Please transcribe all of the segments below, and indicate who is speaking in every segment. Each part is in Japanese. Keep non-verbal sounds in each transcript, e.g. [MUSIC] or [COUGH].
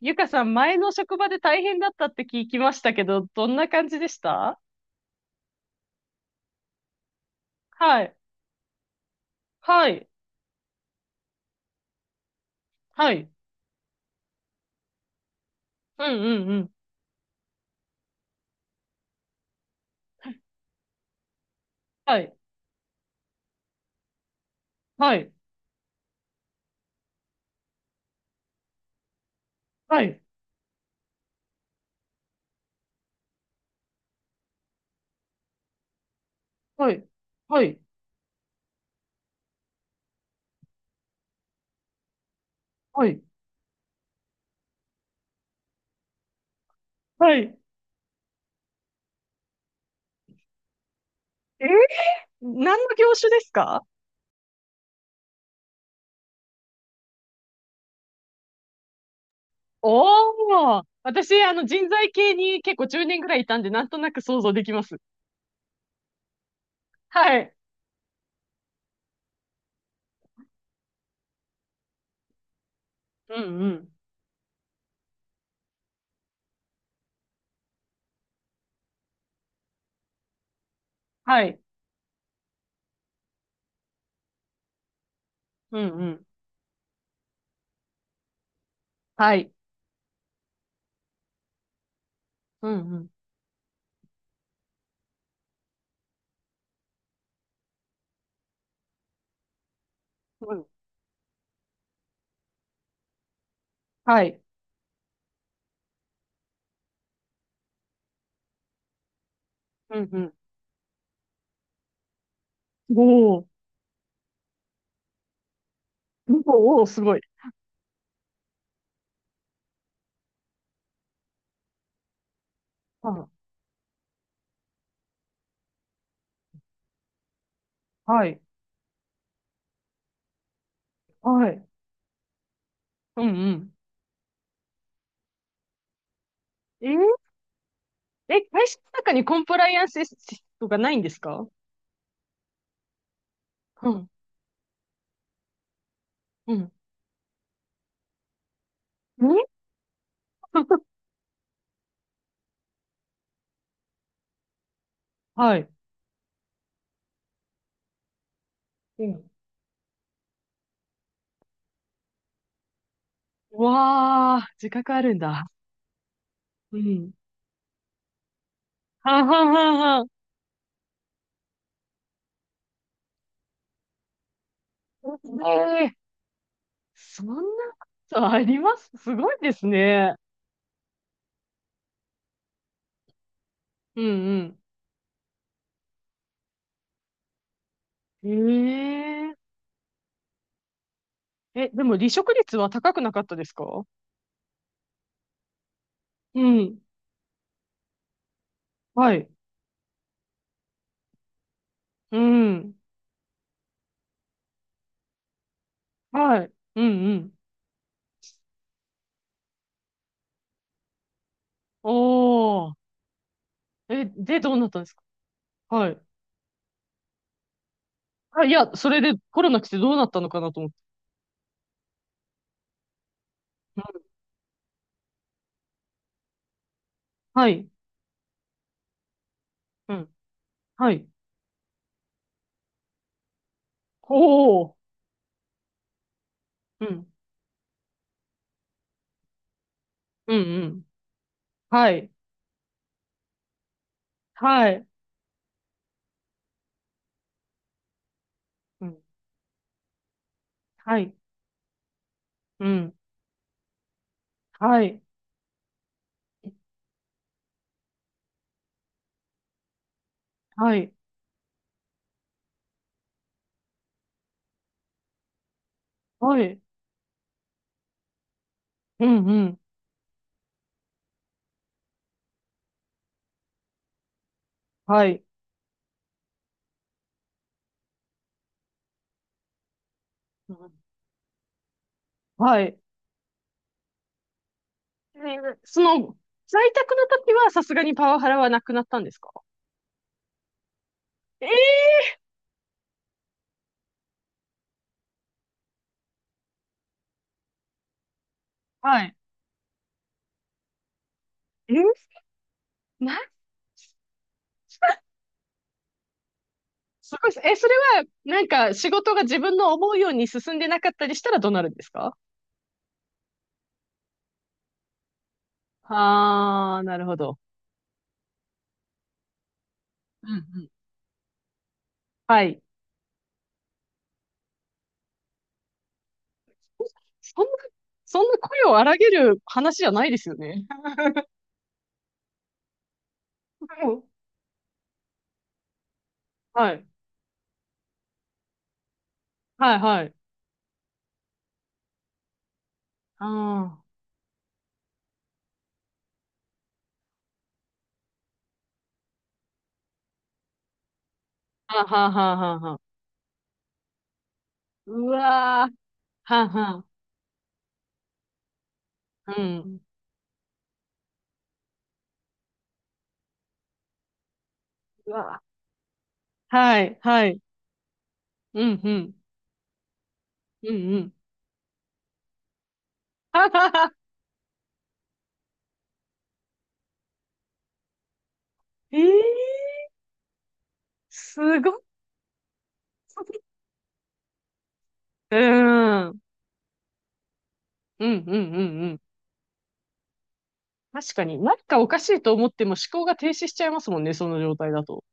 Speaker 1: ゆかさん、前の職場で大変だったって聞きましたけど、どんな感じでした？はい。はい。はい。うんうんうん。はい。はい。はい。はい。はい。はい。はい。え、何の業種ですか？おー。私、人材系に結構10年ぐらいいたんで、なんとなく想像できます。はい。うんうん。はい。うんうん。はい。うんうん。うん。はい。うんうん。おー。おー、すごい。あ、はい。はい。うんうん。えー、え、会社の中にコンプライアンスシストがないんですか？うん、うん。え。 [LAUGHS] はい。うん。うわあ、自覚あるんだ。うん。はんはんはんはん。ええ、そんなことあります？すごいですね。うんうん。ええ、え、でも離職率は高くなかったですか？うん。はい。うん。はい。うんうん。おー。え、で、どうなったんですか？はい。あ、いや、それでコロナ来てどうなったのかなと思って。うん。はい。うん。はい。おお。うん。うんうん。はい。はい。うん。はい。うん。はい。はい。はい。うんうん。はい。うん。はい。えー、その、在宅の時はさすがにパワハラはなくなったんですか？えー。はい。え、な、[LAUGHS] すごいです。え、それは、仕事が自分の思うように進んでなかったりしたらどうなるんですか？ああー、なるほど。うんうん。はい。そんな、そんな声を荒げる話じゃないですよね。[LAUGHS] もう、はい。はいはい。ああ。はんはんはんはんは。うわー。はんはん。うん。うわー。はい、はい。うん、うん。うん、うん。ははは。えー、すごい。うーん。うん、うん、うん、うん。確かに、なんかおかしいと思っても思考が停止しちゃいますもんね、その状態だと。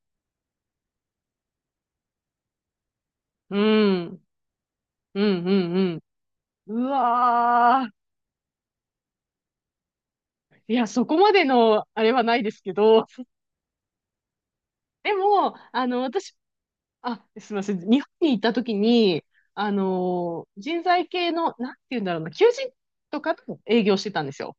Speaker 1: うん。うん、うん、うん。うわー。いや、そこまでの、あれはないですけど、でも、私、あ、すみません、日本に行った時に、人材系の、なんて言うんだろうな、求人とかと営業してたんですよ。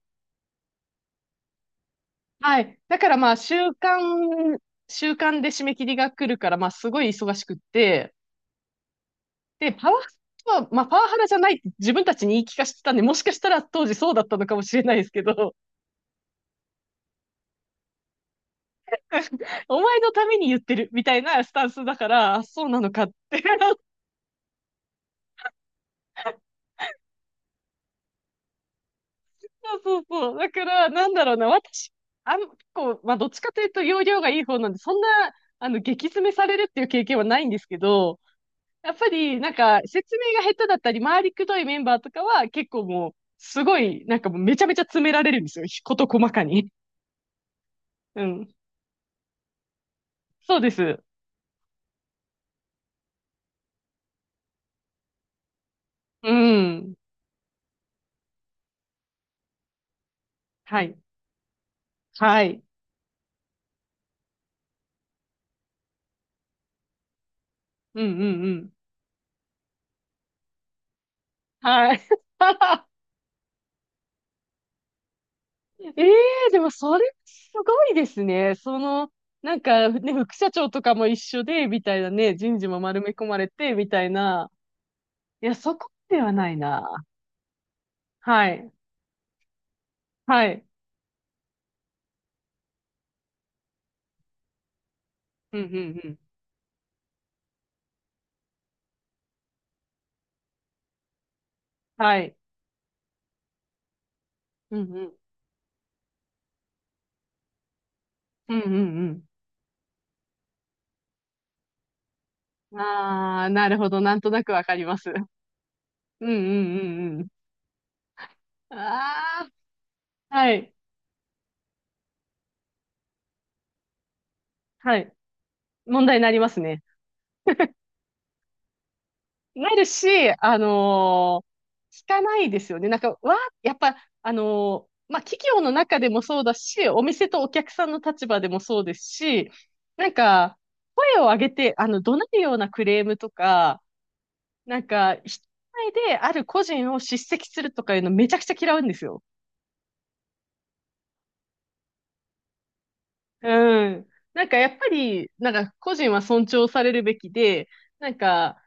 Speaker 1: はい。だからまあ、週間、週間で締め切りが来るから、まあ、すごい忙しくって、で、パワハラは、まあ、パワハラじゃないって自分たちに言い聞かせてたんで、もしかしたら当時そうだったのかもしれないですけど、[LAUGHS] お前のために言ってるみたいなスタンスだから、あ、そうなのかって。 [LAUGHS] そうそうそう。だから、なんだろうな、私、あん、結構、まあ、どっちかというと、容量がいい方なんで、そんな、激詰めされるっていう経験はないんですけど、やっぱり、なんか、説明が下手だったり、回りくどいメンバーとかは、結構もう、すごい、なんかもう、めちゃめちゃ詰められるんですよ。事細かに。うん。そうです。うん。はい。はい。うんうんうん。はい。[LAUGHS] ええ、でもそれすごいですね。その、なんかね、副社長とかも一緒で、みたいなね、人事も丸め込まれて、みたいな。いや、そこまではないな。はい。はい。うんうんうん。はい。うんうん。うんうんうん。ああ、なるほど。なんとなくわかります。うんうんうんうん。ああ、はい。はい。問題になりますね。なるし、あのー聞かないですよね。なんか、わ、やっぱ、あのまあ、企業の中でもそうだし、お店とお客さんの立場でもそうですし、なんか、声を上げて、怒鳴るようなクレームとか、なんか、人前である個人を叱責するとかいうのめちゃくちゃ嫌うんですよ。うん。なんかやっぱり、なんか個人は尊重されるべきで、なんか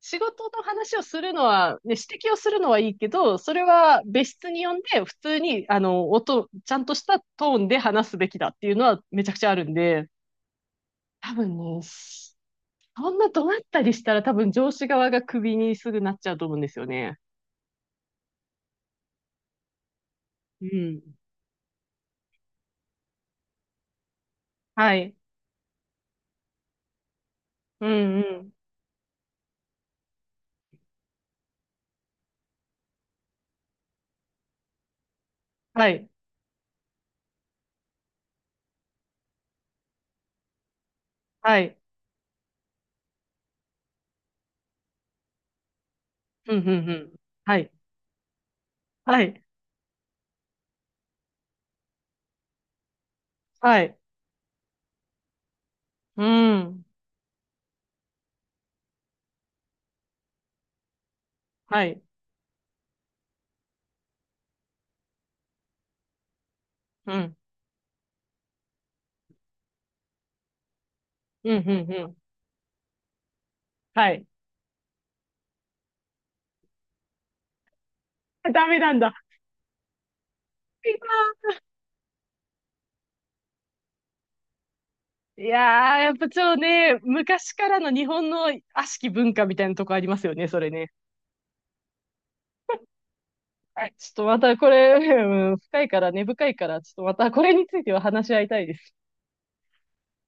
Speaker 1: 仕事の話をするのは、ね、指摘をするのはいいけど、それは別室に呼んで、普通に、音、ちゃんとしたトーンで話すべきだっていうのはめちゃくちゃあるんで、多分ね、そんな怒鳴ったりしたら多分上司側がクビにすぐなっちゃうと思うんですよね。うん。はい。うんうん。はい。はい。うんうんうん。はい。はい。はい。うん。はい。うん。うん、うん、うん。はい。ダメなんだ。いやー、やっぱちょっとね、昔からの日本の悪しき文化みたいなとこありますよね、それね。はい。ちょっとまたこれ、[LAUGHS] うん、深いから、根深いから、ちょっとまたこれについては話し合いたいです。